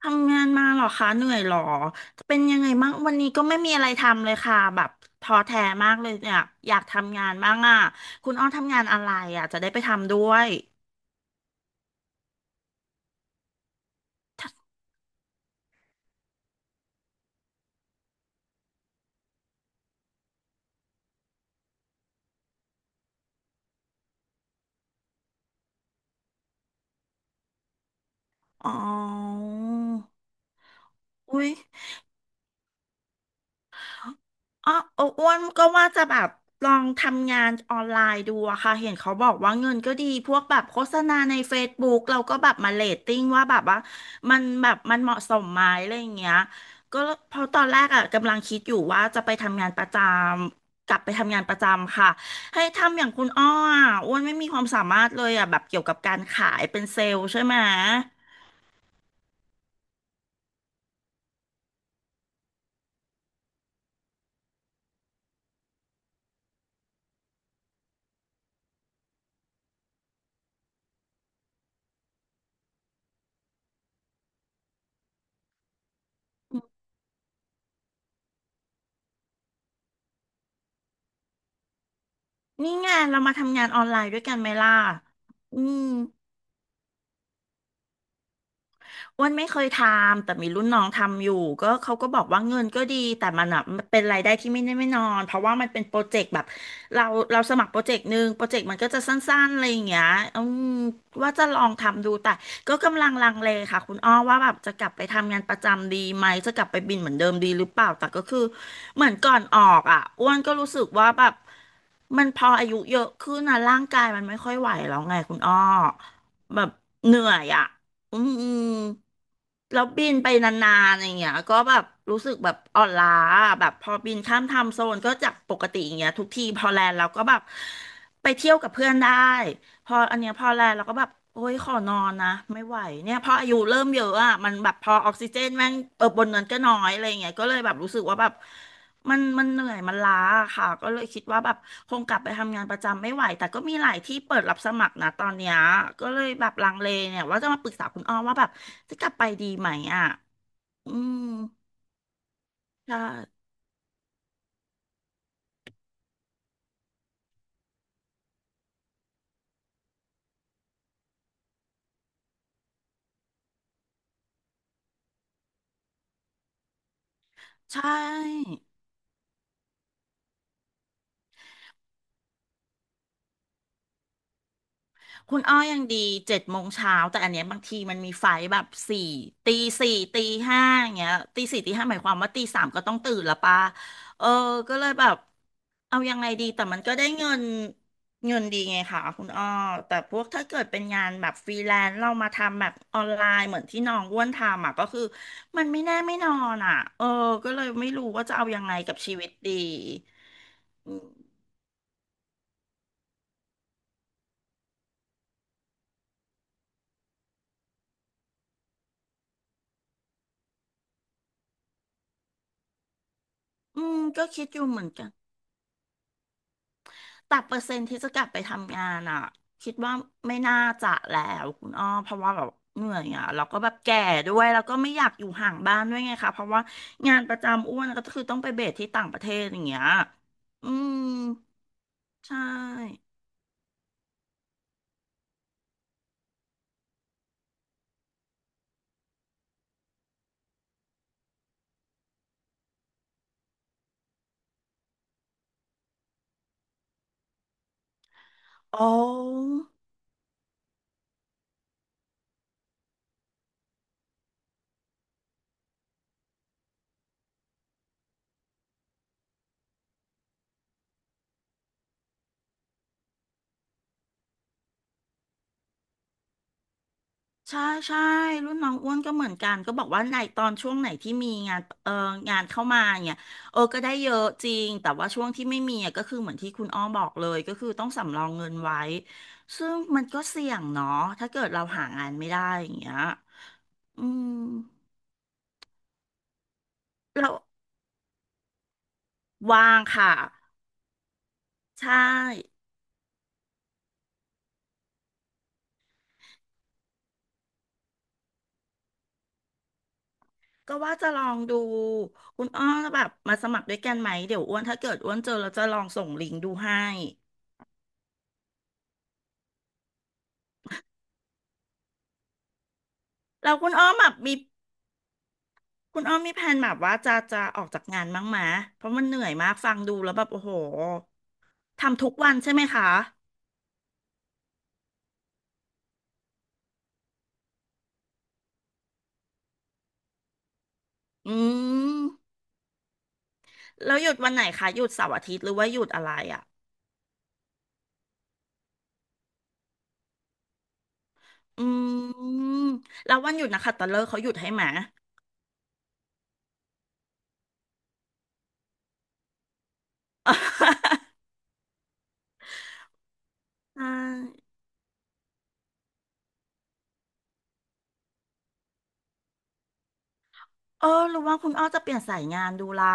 ทำงานมาเหรอคะเหนื่อยเหรอเป็นยังไงบ้างวันนี้ก็ไม่มีอะไรทำเลยค่ะแบบท้อแท้มากเลยเนี่ยอยากทำงานบ้างอ่ะคุณอ้อทำงานอะไรอ่ะจะได้ไปทำด้วยอ๋ออุ้ย อ๋ออ้วนก็ว่าจะแบบลองทำงานออนไลน์ดูอะค่ะเห็นเขาบอกว่าเงินก็ดีพวกแบบโฆษณาในเฟซบุ o กเราก็แบบมาเรตติ้งว่าแบบว่ามันแบบมันเหมาะสมไหมอะไรอย่างเงี้ยก็เพราะตอนแรกอะกำลังคิดอยู่ว่าจะไปทำงานประจำกลับไปทำงานประจำค่ะให้ทำอย่างคุณอ้ออะอ้วนไม่มีความสามารถเลยอะแบบเกี่ยวกับการขายเป็นเซลล์ใช่ไหมนี่ไงเรามาทำงานออนไลน์ด้วยกันไหมล่ะอืม อ้วนไม่เคยทำแต่มีรุ่นน้องทำอยู่ก็เขาก็บอกว่าเงินก็ดีแต่มันอ่ะมันเป็นรายได้ที่ไม่แน่ไม่นอนเพราะว่ามันเป็นโปรเจกต์แบบเราเราสมัครโปรเจกต์หนึ่งโปรเจกต์มันก็จะสั้นๆอะไรอย่างเงี้ยอืมว่าจะลองทำดูแต่ก็กำลังลังเลค่ะคุณอ้อว่าแบบจะกลับไปทำงานประจำดีไหมจะกลับไปบินเหมือนเดิมดีหรือเปล่าแต่ก็คือเหมือนก่อนออกอ่ะอ้วนก็รู้สึกว่าแบบมันพออายุเยอะขึ้นนะร่างกายมันไม่ค่อยไหวแล้วไงคุณอ้อแบบเหนื่อยอ่ะ อืมอืมแล้วบินไปนานๆอย่างเงี้ยก็แบบรู้สึกแบบอ่อนล้าอะแบบพอบินข้ามไทม์โซนก็จากปกติอย่างเงี้ยทุกทีพอแลนด์เราก็แบบไปเที่ยวกับเพื่อนได้พออันเนี้ยพอแลนด์เราก็แบบโอ้ยขอนอนนะไม่ไหวเนี่ยพออายุเริ่มเยอะอ่ะมันแบบพอออกซิเจนแม่งเออบนนั้นก็น้อยอะไรอย่างเงี้ยก็เลยแบบรู้สึกว่าแบบ มันเหนื่อยมันล้าอะค่ะก็เลยคิดว่าแบบคงกลับไปทำงานประจำไม่ไหวแต่ก็มีหลายที่เปิดรับสมัครนะตอนเนี้ยก็เลยแบบลังเลเนี่ยว่าจะมาปรึกษาคุณอ้อว่าแบบจะกลับไปดีไหมอ่ะอืมใช่ใช่ คุณอ้อยังดีเจ็ดโมงเช้าแต่อันเนี้ยบางทีมันมีไฟล์แบบสี่ตีสี่ตีห้าอย่างเงี้ยตีสี่ตีห้าหมายความว่าตีสามก็ต้องตื่นละป่ะเออก็เลยแบบเอายังไงดีแต่มันก็ได้เงินเงินดีไงค่ะคุณอ้อแต่พวกถ้าเกิดเป็นงานแบบฟรีแลนซ์เรามาทำแบบออนไลน์เหมือนที่น้องอ้วนทำอ่ะก็คือมันไม่แน่ไม่นอนอ่ะเออก็เลยไม่รู้ว่าจะเอายังไงกับชีวิตดีอืมก็คิดอยู่เหมือนกัน แต่เปอร์เซ็นต์ที่จะกลับไปทำงานอ่ะคิดว่าไม่น่าจะแล้วคุณอ้อเพราะว่าแบบเหนื่อยอ่ะแล้วก็แบบแก่ด้วยแล้วก็ไม่อยากอยู่ห่างบ้านด้วยไงคะเพราะว่างานประจำอ้วนก็คือต้องไปเบสที่ต่างประเทศอย่างเงี้ยอืมใช่อ๋อ ใช่ใช่รุ่นน้องอ้วนก็เหมือนกันก็บอกว่าในตอนช่วงไหนที่มีงานเอองานเข้ามาเนี่ยเออก็ได้เยอะจริงแต่ว่าช่วงที่ไม่มีอะก็คือเหมือนที่คุณอ้อบอกเลยก็คือต้องสำรองเงินไว้ซึ่งมันก็เสี่ยงเนาะถ้าเกิดเราหางานไม่ได้อย่างเงี้ยอืมเราวางค่ะใช่ก็ว่าจะลองดูคุณอ้อแบบมาสมัครด้วยกันไหมเดี๋ยวอ้วนถ้าเกิดอ้วนเจอแล้วจะลองส่งลิงก์ดูให้แล้วคุณอ้อมแบบมี คุณอ้อมมีแผนแบบว่าจะออกจากงานบ้างไหมเพราะมันเหนื่อยมากฟังดูแล้วแบบโอ้โหทำทุกวันใช่ไหมคะ อืมแล้วหยุดวันไหนคะหยุดเสาร์อาทิตย์หรือว่าหยุดอะไรอ่ะอืม แล้ววันหยุดนะคะตะเลิกษ์เขาหยุดให้ไหม อ่า เออหรือว่าคุณอ้อจะเปลี่ยนสายงานดูล่ะ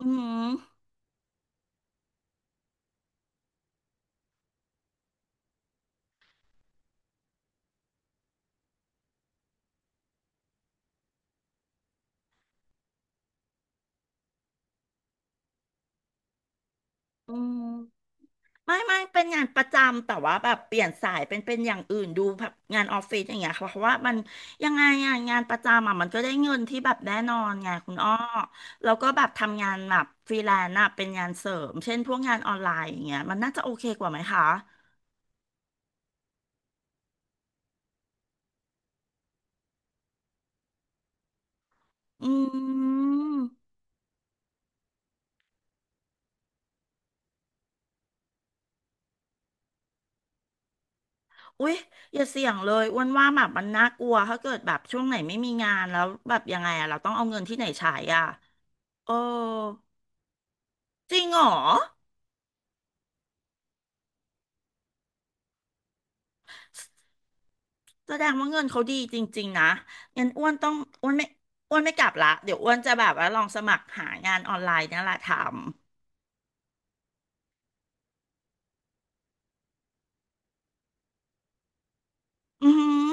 อืม อืม ไม่เป็นงานประจำแต่ว่าแบบเปลี่ยนสายเป็นอย่างอื่นดูแบบงานออฟฟิศอย่างเงี้ยค่ะเพราะว่ามันยังไงอ่ะงานประจำอ่ะมันก็ได้เงินที่แบบแน่นอนไงคุณอ้อแล้วก็แบบทำงานแบบฟรีแลนซ์อะเป็นงานเสริมเช่นพวกงานออนไลน์อย่างเงี้ยมันน่าจะโอเคกว่าไหมคะอืมอุ๊ยอย่าเสี่ยงเลยอ้วนว่าแบบมันน่ากลัวถ้าเกิดแบบช่วงไหนไม่มีงานแล้วแบบยังไงอ่ะเราต้องเอาเงินที่ไหนใช้อ่ะเออจริงเหรอ แสดงว่าเงินเขาดีจริงๆนะงั้นอ้วนต้องอ้วนไม่อ้วนไม่กลับละเดี๋ยวอ้วนจะแบบว่าลองสมัครหางานออนไลน์นี่แหละทำอือหือ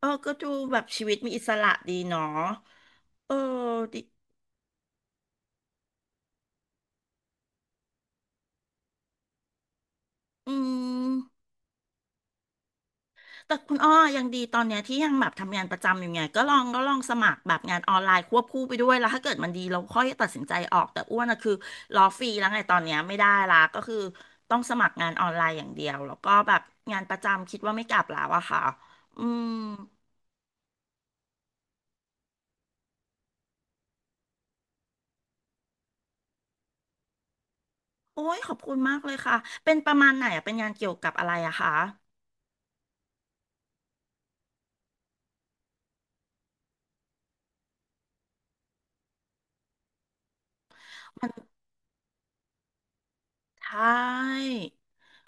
เออก็ดูแบบชีวิตมีอิสระดีเนาะเออดีอืม แต่คุณอ้อยังดีตอนเนี้ยที่ยังแบบทำงานประจำอยู่ไงก็ลองสมัครแบบงานออนไลน์ควบคู่ไปด้วยแล้วถ้าเกิดมันดีเราค่อยตัดสินใจออกแต่อ้วนอะคือรอฟรีแล้วไงตอนเนี้ยไม่ได้ละก็คือต้องสมัครงานออนไลน์อย่างเดียวแล้วก็แบบงานประจำคิดว่าไม่กลับแล้วอะค่ะอืมโอ้ยขอบคุณมากเลยค่ะเป็นประมาณไหนอะเป็นงานเกี่ยวกับอะไรอะคะใช่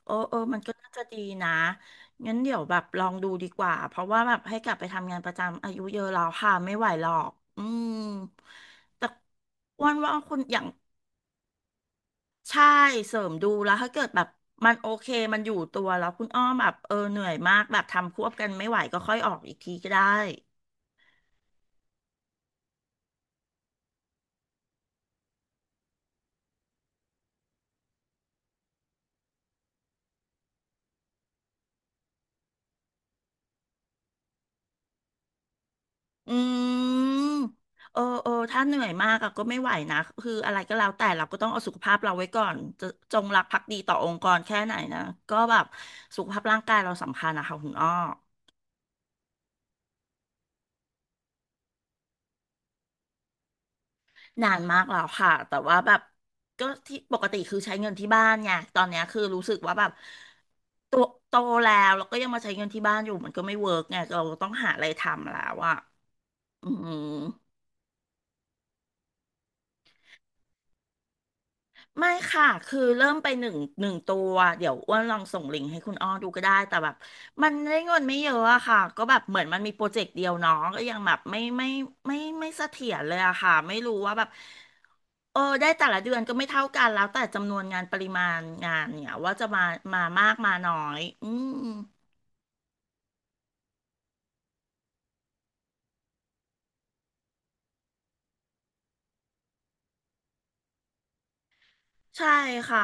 เออเออมันก็น่าจะดีนะงั้นเดี๋ยวแบบลองดูดีกว่าเพราะว่าแบบให้กลับไปทำงานประจำอายุเยอะแล้วค่ะไม่ไหวหรอกอืมแต่อ้วนว่าคุณอย่างใช่เสริมดูแล้วถ้าเกิดแบบมันโอเคมันอยู่ตัวแล้วคุณอ้อมแบบเออเหนื่อยมากแบบทำควบกันไม่ไหวก็ค่อยออกอีกทีก็ได้ อืมเออเออถ้าเหนื่อยมากอะก็ไม่ไหวนะคืออะไรก็แล้วแต่เราก็ต้องเอาสุขภาพเราไว้ก่อนจะจงรักภักดีต่อองค์กรแค่ไหนนะก็แบบสุขภาพร่างกายเราสำคัญนะคะคุณอ้อนานมากแล้วค่ะแต่ว่าแบบก็ที่ปกติคือใช้เงินที่บ้านไงตอนเนี้ยคือรู้สึกว่าแบบโตโตแล้วแล้วก็ยังมาใช้เงินที่บ้านอยู่มันก็ไม่เวิร์กไงเราต้องหาอะไรทำแล้วอะอืม ไม่ค่ะ คือเริ่มไปหนึ่งตัว เดี๋ยวอ้วนลองส่งลิงก์ให้คุณอ้อดูก็ได้ แต่แบบมันได้เงินไม่เยอะอะค่ะ ก็แบบเหมือนมันมีโปรเจกต์เดียวเน้องก็ยังแบบไม่เสถียรเลยอะค่ะ ไม่รู้ว่าแบบเออได้แต่ละเดือนก็ไม่เท่ากันแล้วแต่จำนวนงานปริมาณงานเนี่ยว่าจะมามากมาน้อยอืม ใช่ค่ะ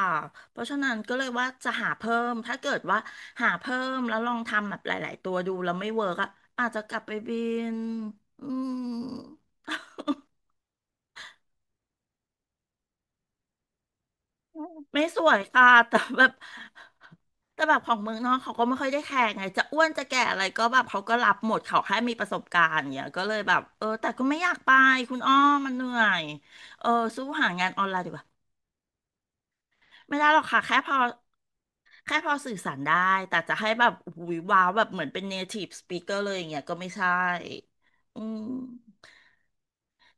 เพราะฉะนั้นก็เลยว่าจะหาเพิ่มถ้าเกิดว่าหาเพิ่มแล้วลองทำแบบหลายๆตัวดูแล้วไม่เวิร์กอะอาจจะกลับไปบินอืม ไม่สวยค่ะแต่แบบของเมืองนอกเขาก็ไม่ค่อยได้แคร์ไงจะอ้วนจะแก่อะไรก็แบบเขาก็รับหมดเขาแค่มีประสบการณ์อย่างเงี้ยก็เลยแบบเออแต่ก็ไม่อยากไปคุณอ้อมันเหนื่อยเออสู้หางานออนไลน์ดีกว่าไม่ได้หรอกค่ะแค่พอสื่อสารได้ แต่จะให้แบบอุ๊ยว้าวแบบเหมือนเป็น native speaker เลยอย่างเงี้ยก็ไม่ใช่อืม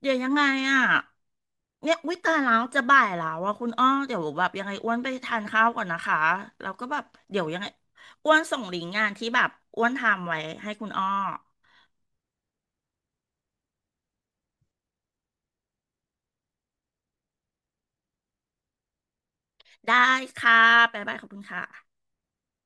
เดี๋ยวยังไงอ่ะเนี่ยวิตายแล้วจะบ่ายแล้วว่าคุณอ้อ เดี๋ยวแบบยังไงอ้วนไปทานข้าวก่อนนะคะ แล้วก็แบบเดี๋ยวยังไงอ้วนส่งลิงก์งานที่แบบอ้วนทำไว้ให้คุณอ้อได้ค่ะบ๊ายบายขอบคุณค่ะ